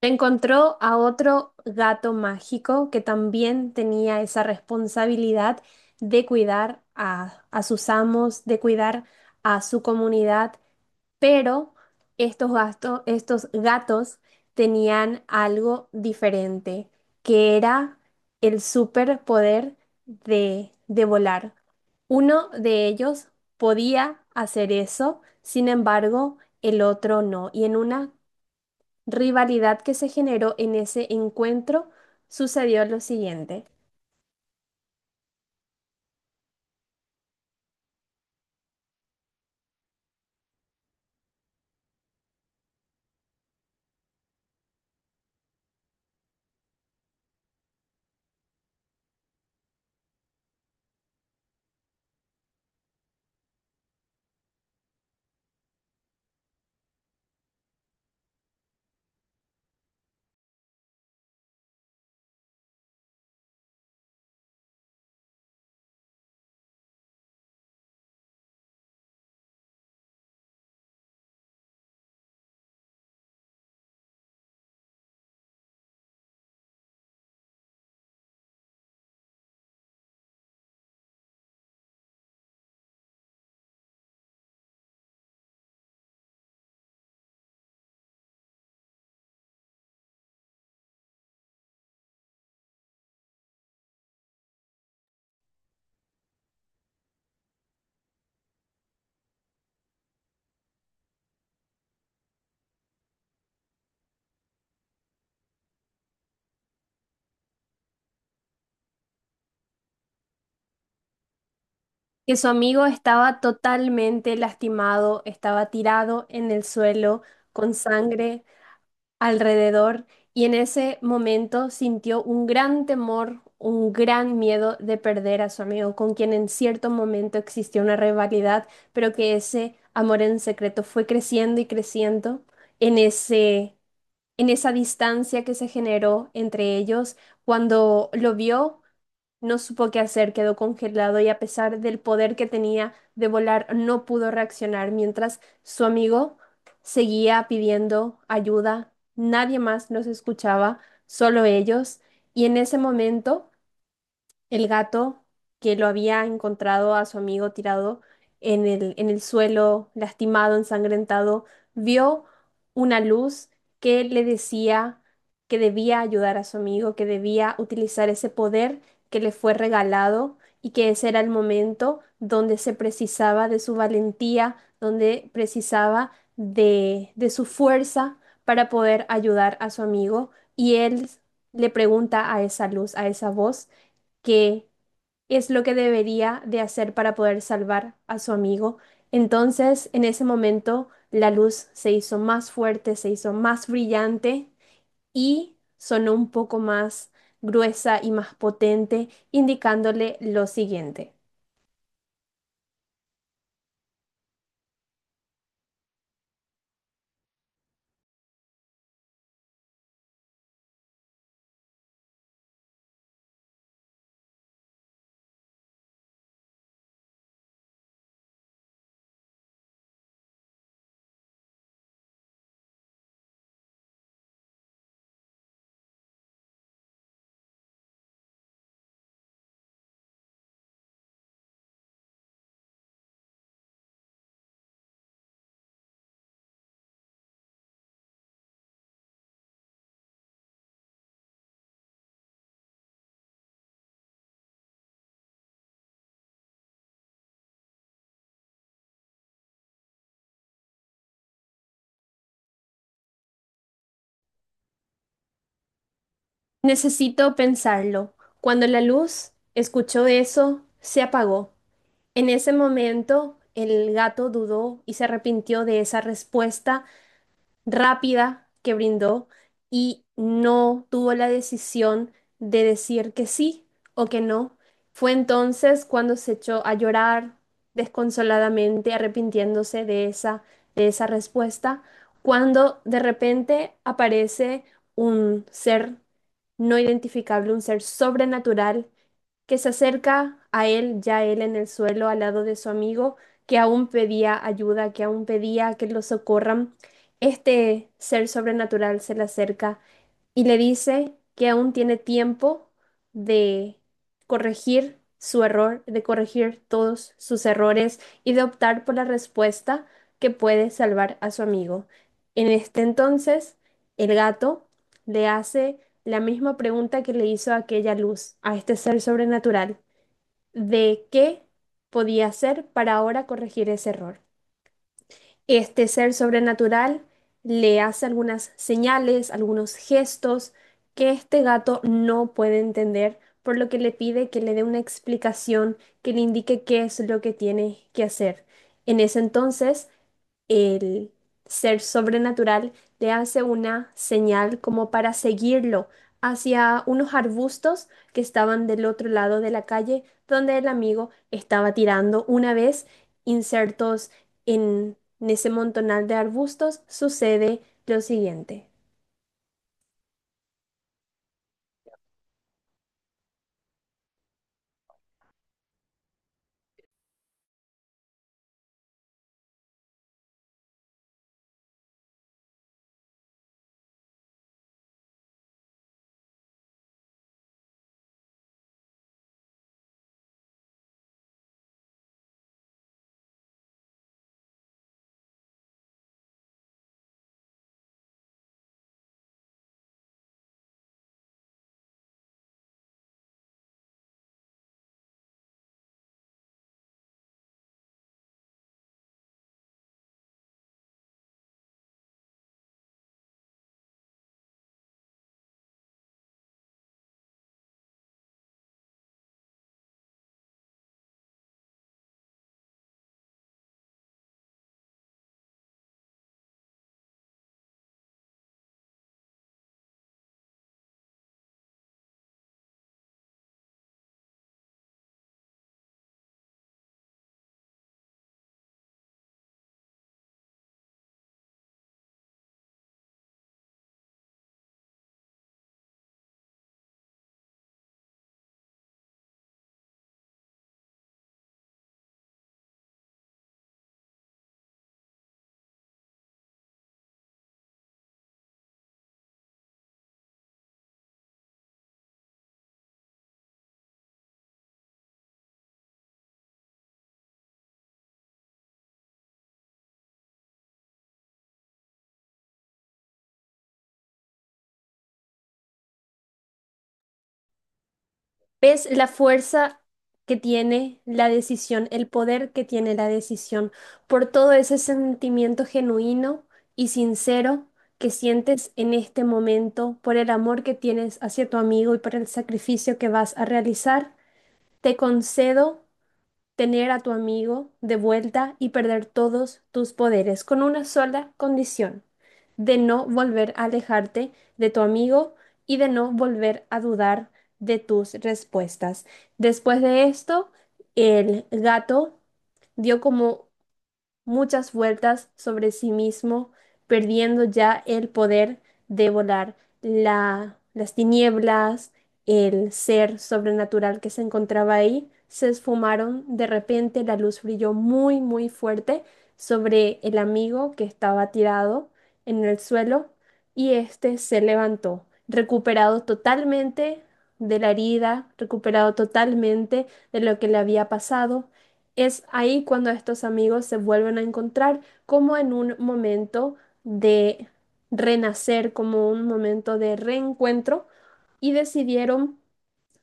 Encontró a otro gato mágico que también tenía esa responsabilidad de cuidar a sus amos, de cuidar a su comunidad, pero estos gatos tenían algo diferente, que era el superpoder de volar. Uno de ellos podía hacer eso, sin embargo, el otro no. Y en una rivalidad que se generó en ese encuentro, sucedió lo siguiente, que su amigo estaba totalmente lastimado, estaba tirado en el suelo con sangre alrededor y en ese momento sintió un gran temor, un gran miedo de perder a su amigo, con quien en cierto momento existió una rivalidad, pero que ese amor en secreto fue creciendo y creciendo en ese en esa distancia que se generó entre ellos. Cuando lo vio, no supo qué hacer, quedó congelado y a pesar del poder que tenía de volar, no pudo reaccionar, mientras su amigo seguía pidiendo ayuda. Nadie más los escuchaba, solo ellos. Y en ese momento el gato que lo había encontrado a su amigo tirado en el suelo, lastimado, ensangrentado, vio una luz que le decía que debía ayudar a su amigo, que debía utilizar ese poder que le fue regalado y que ese era el momento donde se precisaba de su valentía, donde precisaba de su fuerza para poder ayudar a su amigo. Y él le pregunta a esa luz, a esa voz, qué es lo que debería de hacer para poder salvar a su amigo. Entonces, en ese momento, la luz se hizo más fuerte, se hizo más brillante y sonó un poco más gruesa y más potente, indicándole lo siguiente. Necesito pensarlo. Cuando la luz escuchó eso, se apagó. En ese momento, el gato dudó y se arrepintió de esa respuesta rápida que brindó y no tuvo la decisión de decir que sí o que no. Fue entonces cuando se echó a llorar desconsoladamente, arrepintiéndose de esa respuesta, cuando de repente aparece un ser no identificable, un ser sobrenatural que se acerca a él, ya él en el suelo, al lado de su amigo, que aún pedía ayuda, que aún pedía que lo socorran. Este ser sobrenatural se le acerca y le dice que aún tiene tiempo de corregir su error, de corregir todos sus errores y de optar por la respuesta que puede salvar a su amigo. En este entonces, el gato le hace la misma pregunta que le hizo a aquella luz, a este ser sobrenatural, de qué podía hacer para ahora corregir ese error. Este ser sobrenatural le hace algunas señales, algunos gestos que este gato no puede entender, por lo que le pide que le dé una explicación que le indique qué es lo que tiene que hacer. En ese entonces, el ser sobrenatural le hace una señal como para seguirlo hacia unos arbustos que estaban del otro lado de la calle donde el amigo estaba tirando. Una vez insertos en ese montonal de arbustos, sucede lo siguiente. ¿Ves la fuerza que tiene la decisión, el poder que tiene la decisión, por todo ese sentimiento genuino y sincero que sientes en este momento, por el amor que tienes hacia tu amigo y por el sacrificio que vas a realizar? Te concedo tener a tu amigo de vuelta y perder todos tus poderes, con una sola condición, de no volver a alejarte de tu amigo y de no volver a dudar de tus respuestas. Después de esto, el gato dio como muchas vueltas sobre sí mismo, perdiendo ya el poder de volar. Las tinieblas, el ser sobrenatural que se encontraba ahí, se esfumaron. De repente la luz brilló muy, muy fuerte sobre el amigo que estaba tirado en el suelo y este se levantó, recuperado totalmente de la herida, recuperado totalmente de lo que le había pasado. Es ahí cuando estos amigos se vuelven a encontrar como en un momento de renacer, como un momento de reencuentro y decidieron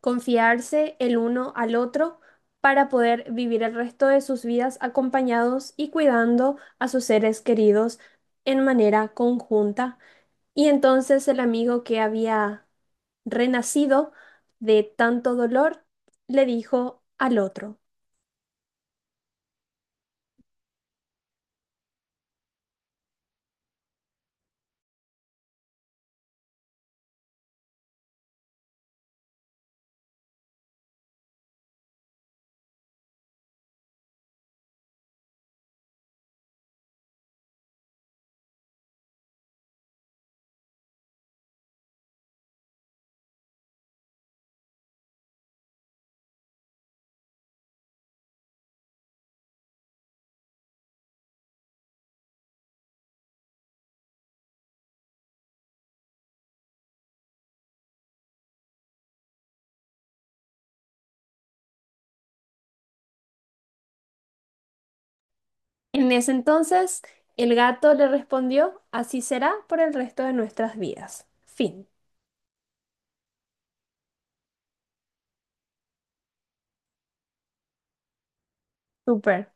confiarse el uno al otro para poder vivir el resto de sus vidas acompañados y cuidando a sus seres queridos en manera conjunta. Y entonces el amigo que había renacido de tanto dolor le dijo al otro. En ese entonces, el gato le respondió, así será por el resto de nuestras vidas. Fin. Súper.